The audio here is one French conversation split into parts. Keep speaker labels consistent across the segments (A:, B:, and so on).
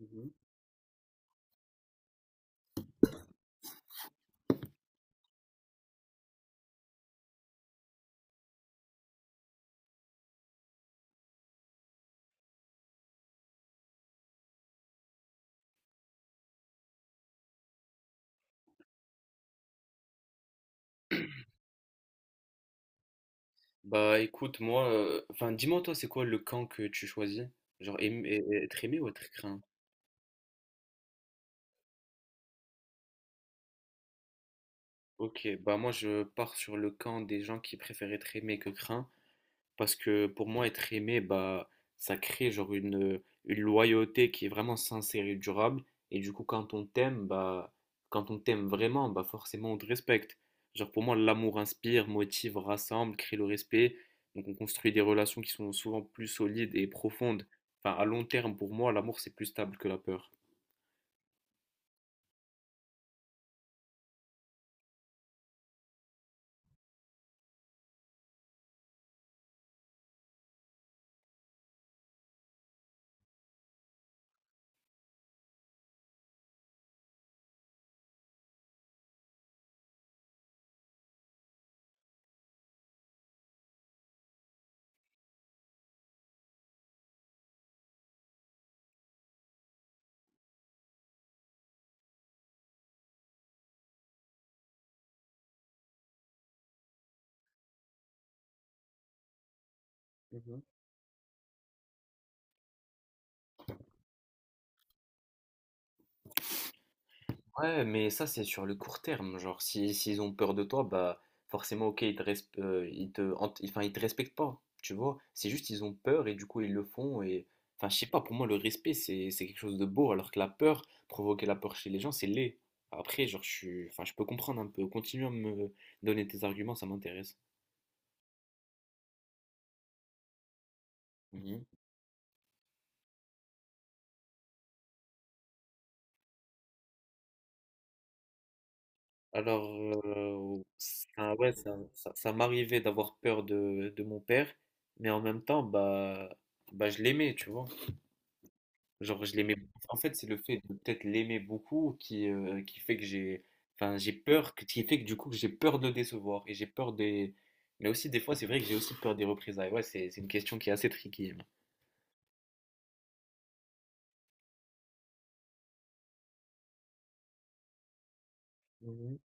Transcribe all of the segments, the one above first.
A: Mhm. Bah écoute, moi, enfin dis-moi toi, c'est quoi le camp que tu choisis? Genre et être aimé ou être craint? Ok, bah moi je pars sur le camp des gens qui préfèrent être aimés que craints, parce que pour moi être aimé, bah ça crée genre une loyauté qui est vraiment sincère et durable, et du coup quand on t'aime, bah quand on t'aime vraiment, bah forcément on te respecte. Genre pour moi l'amour inspire, motive, rassemble, crée le respect, donc on construit des relations qui sont souvent plus solides et profondes. Enfin à long terme pour moi l'amour c'est plus stable que la peur. Mmh mh. Ouais, mais ça, c'est sur le court terme. Genre, si, s'ils ont peur de toi, bah, forcément, ok, ils te, resp- ils te, hant- enfin, ils te respectent pas, tu vois. C'est juste, ils ont peur et du coup, ils le font. Et, enfin, je sais pas, pour moi, le respect, c'est quelque chose de beau, alors que la peur, provoquer la peur chez les gens, c'est laid. Après, genre, enfin, je peux comprendre un peu. Continue à me donner tes arguments, ça m'intéresse. Mhm. Alors, ça, ouais, ça m'arrivait d'avoir peur de mon père, mais en même temps, bah, je l'aimais, tu vois. Genre, je l'aimais. En fait, c'est le fait de peut-être l'aimer beaucoup qui fait que j'ai. Enfin, j'ai peur, qui fait que du coup, que j'ai peur de le décevoir. Et j'ai peur des. Mais aussi, des fois, c'est vrai que j'ai aussi peur des représailles. Ouais, c'est une question qui est assez tricky, hein. Mhm.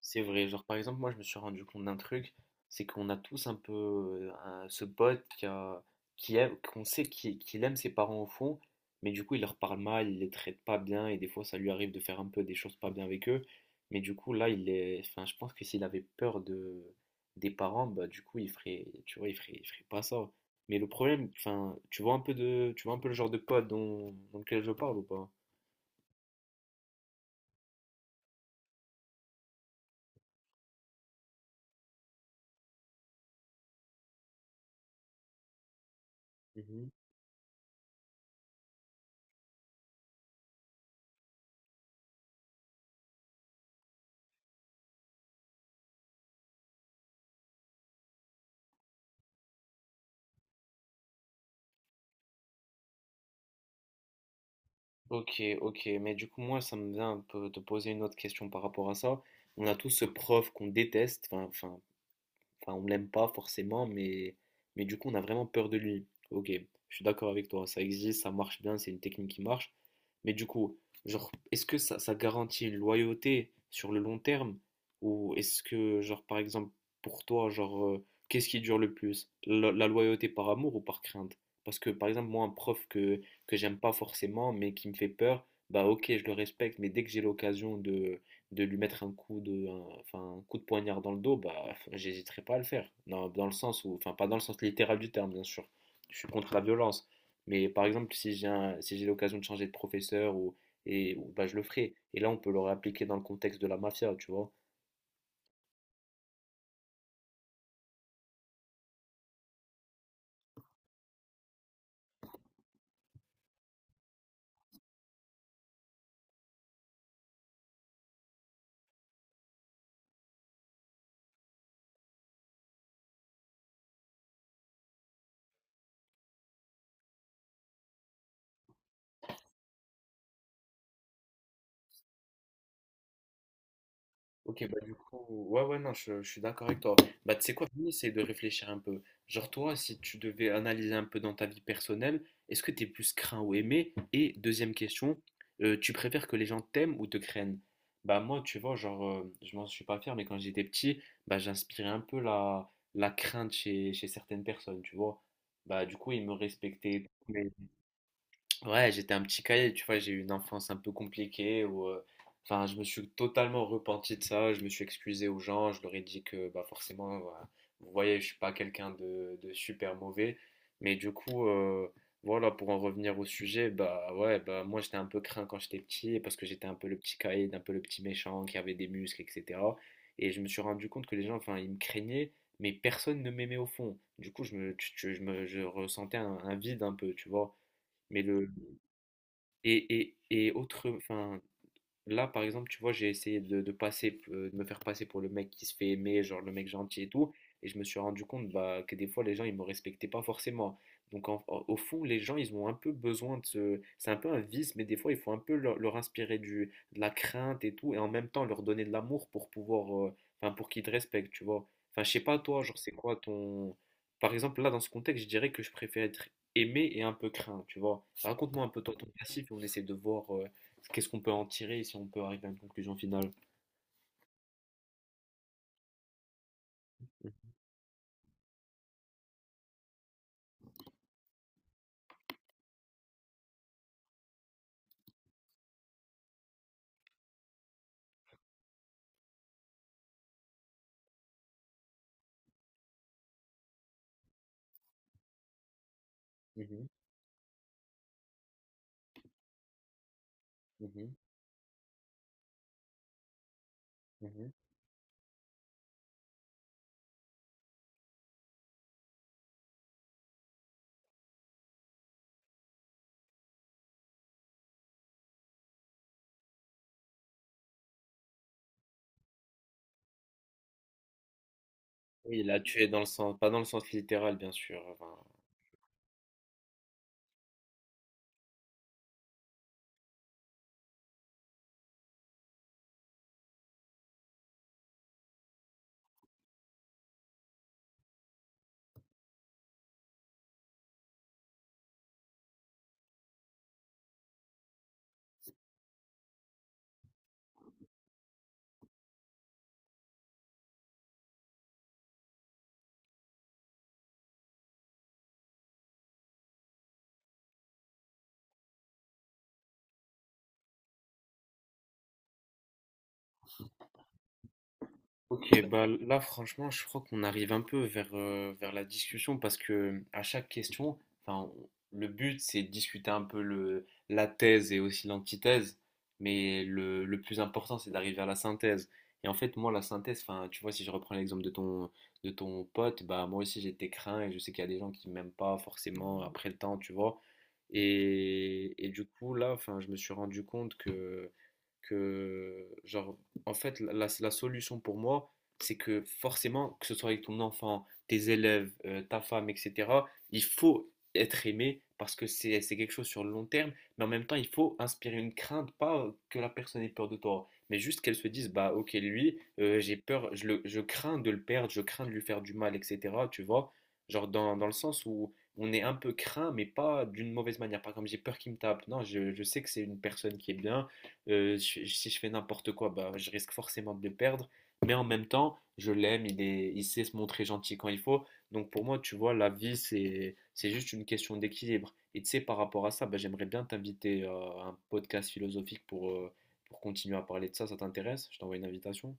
A: C'est vrai, genre par exemple, moi je me suis rendu compte d'un truc, c'est qu'on a tous un peu ce pote qui aime, qu'on sait qu'il aime ses parents au fond, mais du coup il leur parle mal, il les traite pas bien, et des fois ça lui arrive de faire un peu des choses pas bien avec eux, mais du coup là il est, enfin je pense que s'il avait peur de des parents, bah du coup il ferait, tu vois, il ferait pas ça. Mais le problème, enfin, tu vois un peu le genre de pote dont lequel je parle ou pas? Ok, ok, mais du coup, moi, ça me vient un peu de poser une autre question par rapport à ça. On a tous ce prof qu'on déteste, enfin, on l'aime pas forcément, mais du coup, on a vraiment peur de lui. Ok, je suis d'accord avec toi, ça existe, ça marche bien, c'est une technique qui marche. Mais du coup, genre, est-ce que ça garantit une loyauté sur le long terme? Ou est-ce que, genre, par exemple, pour toi, genre, qu'est-ce qui dure le plus? La loyauté par amour ou par crainte? Parce que, par exemple, moi, un prof que j'aime pas forcément, mais qui me fait peur, bah ok, je le respecte, mais dès que j'ai l'occasion de lui mettre un coup de, enfin, un coup de poignard dans le dos, bah, j'hésiterais pas à le faire. Non, dans le sens où, enfin, pas dans le sens littéral du terme, bien sûr. Je suis contre la violence. Mais par exemple, si j'ai l'occasion de changer de professeur ou, et, bah, je le ferai. Et là, on peut le réappliquer dans le contexte de la mafia, tu vois. Ok, bah du coup, ouais, ouais, non, je suis d'accord avec toi. Bah, tu sais quoi, Fanny, essaye de réfléchir un peu. Genre, toi, si tu devais analyser un peu dans ta vie personnelle, est-ce que t'es plus craint ou aimé? Et deuxième question, tu préfères que les gens t'aiment ou te craignent? Bah, moi, tu vois, genre, je m'en suis pas fier, mais quand j'étais petit, bah, j'inspirais un peu la, la crainte chez, chez certaines personnes, tu vois. Bah, du coup, ils me respectaient. Ouais, j'étais un petit cahier, tu vois, j'ai eu une enfance un peu compliquée où, enfin, je me suis totalement repenti de ça, je me suis excusé aux gens, je leur ai dit que, bah, forcément, voilà, vous voyez, je suis pas quelqu'un de super mauvais, mais du coup, voilà, pour en revenir au sujet, bah, ouais, bah, moi, j'étais un peu craint quand j'étais petit parce que j'étais un peu le petit caïd, un peu le petit méchant qui avait des muscles, etc. Et je me suis rendu compte que les gens, enfin, ils me craignaient, mais personne ne m'aimait au fond. Du coup, je me, tu- tu- je me- je ressentais un vide un peu, tu vois. Mais le, et autre, enfin, là, par exemple, tu vois, j'ai essayé de passer, de me faire passer pour le mec qui se fait aimer, genre le mec gentil et tout, et je me suis rendu compte bah, que des fois, les gens, ils me respectaient pas forcément. Donc, au fond, les gens, ils ont un peu besoin de ce... C'est un peu un vice, mais des fois, il faut un peu leur inspirer de la crainte et tout, et en même temps, leur donner de l'amour pour pouvoir... Enfin, pour qu'ils te respectent, tu vois. Enfin, je sais pas, toi, genre, c'est quoi ton... Par exemple, là, dans ce contexte, je dirais que je préfère être aimé et un peu craint, tu vois. Raconte-moi un peu toi, ton passif, et on essaie de voir... qu'est-ce qu'on peut en tirer si on peut arriver à une conclusion finale? Mhm, mhm, mhm. Oui, là, tu es dans le sens, pas dans le sens littéral, bien sûr. Enfin, ok, bah là franchement, je crois qu'on arrive un peu vers, vers la discussion parce que à chaque question, enfin, le but c'est de discuter un peu la thèse et aussi l'antithèse, mais le plus important c'est d'arriver à la synthèse. Et en fait, moi, la synthèse, enfin, tu vois, si je reprends l'exemple de ton pote, bah moi aussi j'étais craint et je sais qu'il y a des gens qui m'aiment pas forcément après le temps, tu vois. Et du coup, là, enfin, je me suis rendu compte que, genre, en fait, la solution pour moi, c'est que forcément, que ce soit avec ton enfant, tes élèves, ta femme, etc., il faut être aimé parce que c'est quelque chose sur le long terme, mais en même temps, il faut inspirer une crainte, pas que la personne ait peur de toi, mais juste qu'elle se dise, bah ok, lui, j'ai peur, je crains de le perdre, je crains de lui faire du mal, etc., tu vois, genre dans le sens où on est un peu craint, mais pas d'une mauvaise manière, pas comme j'ai peur qu'il me tape, non, je sais que c'est une personne qui est bien, si je fais n'importe quoi, bah je risque forcément de le perdre. Mais en même temps, je l'aime, il est, il sait se montrer gentil quand il faut. Donc pour moi, tu vois, la vie, c'est juste une question d'équilibre. Et tu sais, par rapport à ça, bah, j'aimerais bien t'inviter à un podcast philosophique pour continuer à parler de ça. Ça t'intéresse? Je t'envoie une invitation.